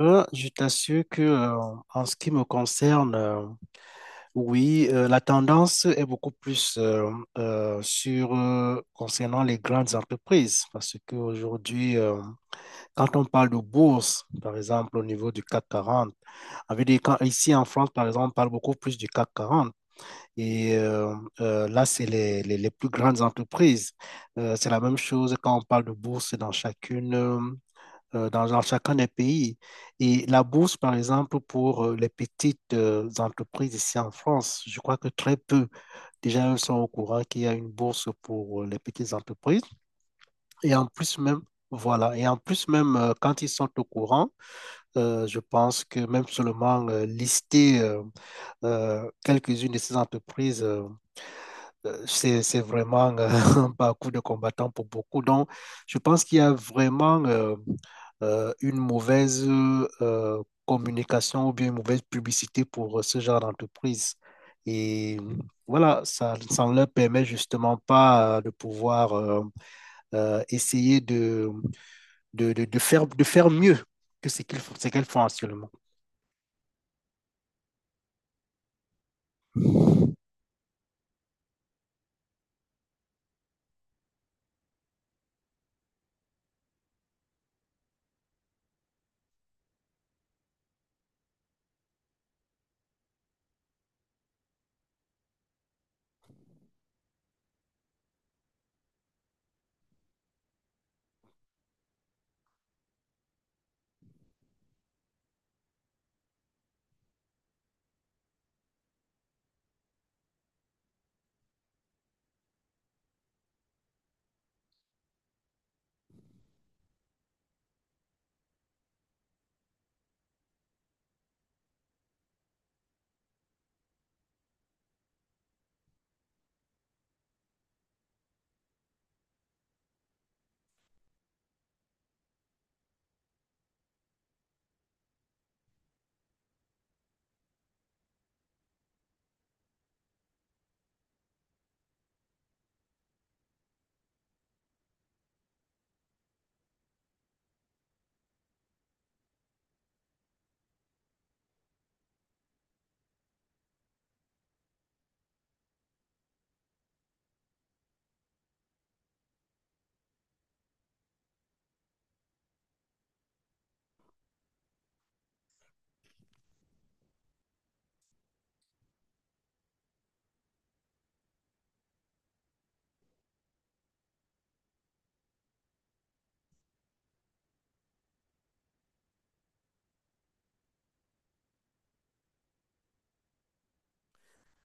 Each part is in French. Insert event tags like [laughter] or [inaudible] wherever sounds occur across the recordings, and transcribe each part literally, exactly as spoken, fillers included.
Euh, je t'assure que, euh, en ce qui me concerne, euh, oui, euh, la tendance est beaucoup plus euh, euh, sur euh, concernant les grandes entreprises, parce qu'aujourd'hui, euh, quand on parle de bourse, par exemple, au niveau du C A C quarante, avec des, quand- ici en France, par exemple, on parle beaucoup plus du C A C quarante, et euh, euh, là, c'est les, les, les plus grandes entreprises. Euh, c'est la même chose quand on parle de bourse dans chacune. euh, euh, dans, dans chacun des pays. Et la bourse, par exemple, pour euh, les petites euh, entreprises ici en France, je crois que très peu déjà elles sont au courant qu'il y a une bourse pour euh, les petites entreprises. Et en plus même, voilà, et en plus même, euh, quand ils sont au courant, euh, je pense que même seulement euh, lister euh, euh, quelques-unes de ces entreprises euh, euh, c'est, c'est vraiment euh, [laughs] un parcours de combattant pour beaucoup. Donc, je pense qu'il y a vraiment euh, euh, une mauvaise euh, communication ou bien une mauvaise publicité pour euh, ce genre d'entreprise. Et voilà, ça, ça ne leur permet justement pas euh, de pouvoir euh, euh, essayer de, de, de, de faire, de faire mieux que ce qu'ils font- ce qu'elles font actuellement.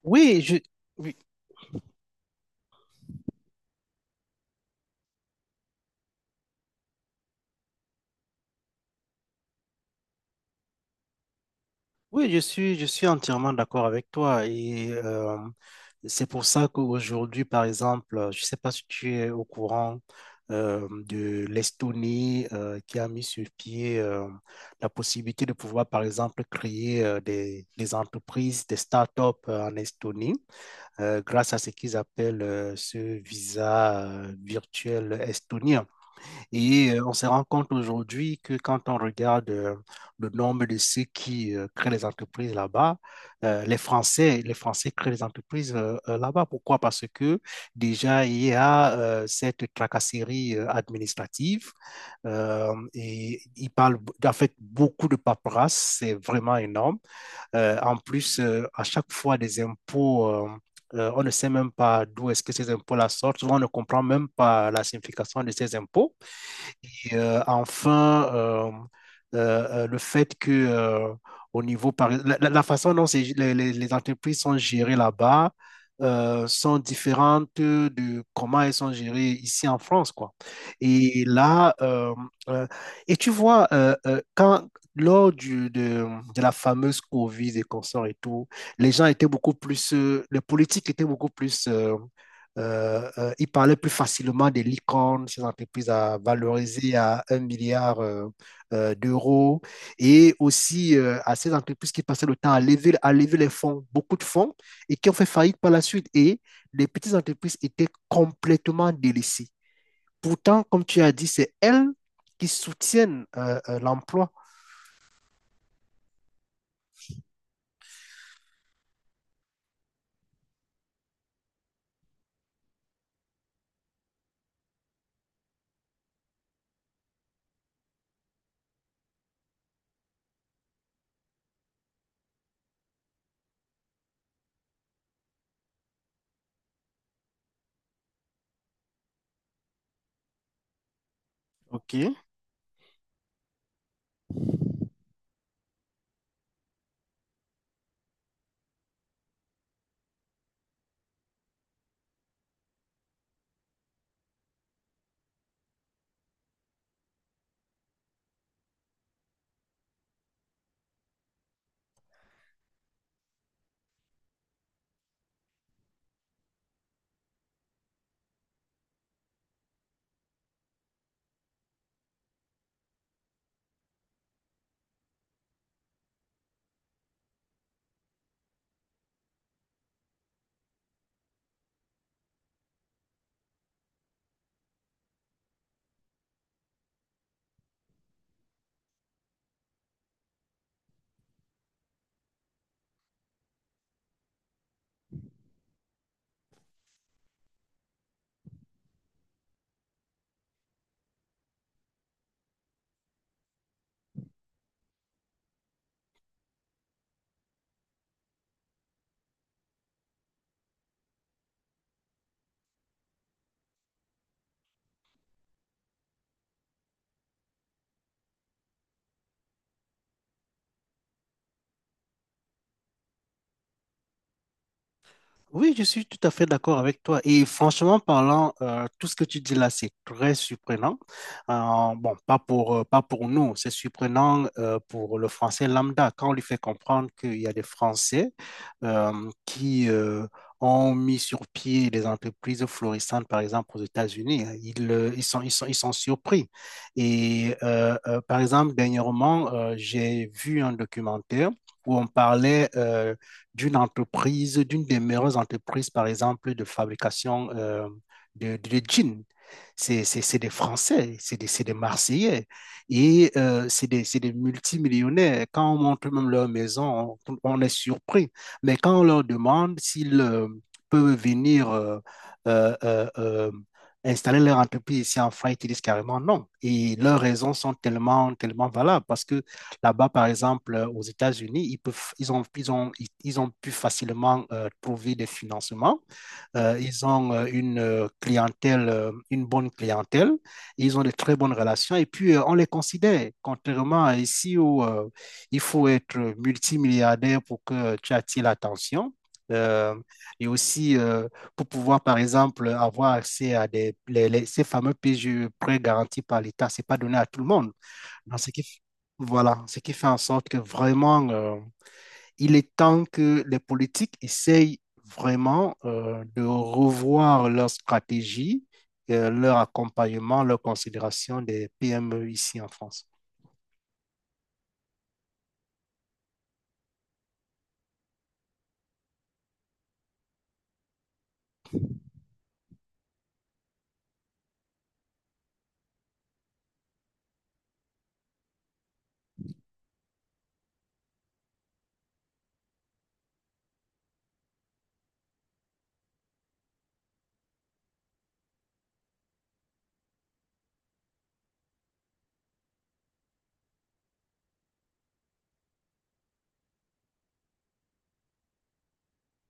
Oui, je, oui, oui, je suis, je suis entièrement d'accord avec toi. Et euh, c'est pour ça qu'aujourd'hui, par exemple, euh, je ne sais pas si tu es au courant euh, de l'Estonie euh, qui a mis sur pied euh, la possibilité de pouvoir, par exemple, créer euh, des, des entreprises, des startups euh, en Estonie euh, grâce à ce qu'ils appellent euh, ce visa euh, virtuel estonien. Et euh, on se rend compte aujourd'hui que quand on regarde euh, le nombre de ceux qui euh, créent les entreprises là-bas, euh, les Français, les Français créent les entreprises euh, euh, là-bas. Pourquoi? Parce que déjà, il y a euh, cette tracasserie euh, administrative euh, et ils parlent b- en fait beaucoup de paperasse, c'est vraiment énorme. Euh, en plus, euh, à chaque fois, des impôts. Euh, euh, on ne sait même pas d'où est-ce que ces impôts-là sortent. Souvent, on ne comprend même pas la signification de ces impôts. Et euh, enfin, euh, euh, euh, le fait que, euh, au niveau, par... la, la- la façon dont c'est- les, les- les entreprises sont gérées là-bas euh, sont différentes de comment elles sont gérées ici en France, quoi. Et là, euh, euh, et tu vois, euh, euh, quand, lors du, de, de la fameuse Covid et consorts et tout, les gens étaient beaucoup plus, euh, les politiques étaient beaucoup plus euh, euh, euh, il parlait plus facilement des licornes, ces entreprises à valoriser à un milliard euh, euh, d'euros, et aussi euh, à ces entreprises qui passaient le temps à lever, à lever les fonds, beaucoup de fonds, et qui ont fait faillite par la suite. Et les petites entreprises étaient complètement délaissées. Pourtant, comme tu as dit, c'est elles qui soutiennent euh, euh, l'emploi. OK. Oui, je suis tout à fait d'accord avec toi. Et franchement parlant, euh, tout ce que tu dis là, c'est très surprenant. Euh, bon, pas pour, euh, pas pour nous, c'est surprenant euh, pour le français lambda quand on lui fait comprendre qu'il y a des Français euh, qui euh, ont mis sur pied des entreprises florissantes, par exemple aux États-Unis. Hein, ils, euh, ils sont, ils sont, ils sont surpris. Et euh, euh, par exemple, dernièrement, euh, j'ai vu un documentaire où on parlait... euh, d'une entreprise, d'une des meilleures entreprises, par exemple, de fabrication euh, de, de, de jeans. C'est des Français, c'est des, des Marseillais et euh, c'est des, des multimillionnaires. Quand on montre même leur maison, on, on est surpris. Mais quand on leur demande s'ils euh, peuvent venir euh, euh, euh, euh, installer leur entreprise ici en France, ils disent carrément non. Et leurs raisons sont tellement, tellement valables parce que là-bas, par exemple, euh, aux États-Unis, ils peuvent, ils ont, ils ont, ils, ont pu facilement euh, trouver des financements. Euh, ils ont euh, une euh, clientèle, euh, une bonne clientèle. Ils ont de très bonnes relations. Et puis, euh, on les considère, contrairement à ici où euh, il faut être multimilliardaire pour que tu attires l'attention. Euh, et aussi euh, pour pouvoir, par exemple, avoir accès à des, les- les- ces fameux P G E, prêts garantis par l'État, c'est pas donné à tout le monde. Non, ce qui, f- voilà, ce qui fait en sorte que vraiment, euh, il est temps que les politiques essayent vraiment euh, de revoir leur stratégie, euh, leur accompagnement, leur considération des P M E ici en France.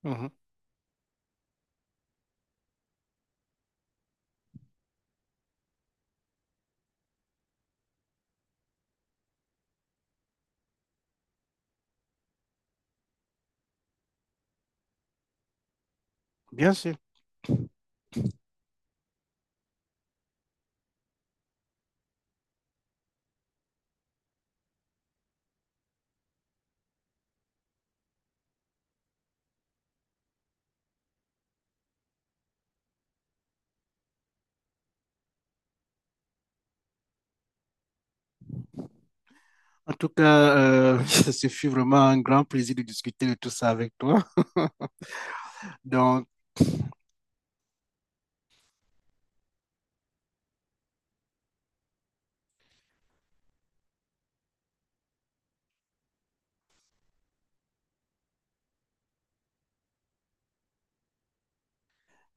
Mhm. Bien sûr. En tout cas, euh, [laughs] ce fut vraiment un grand plaisir de discuter de tout ça avec toi. Donc,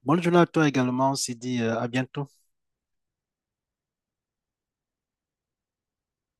bonne journée à toi également. On se dit euh, à bientôt.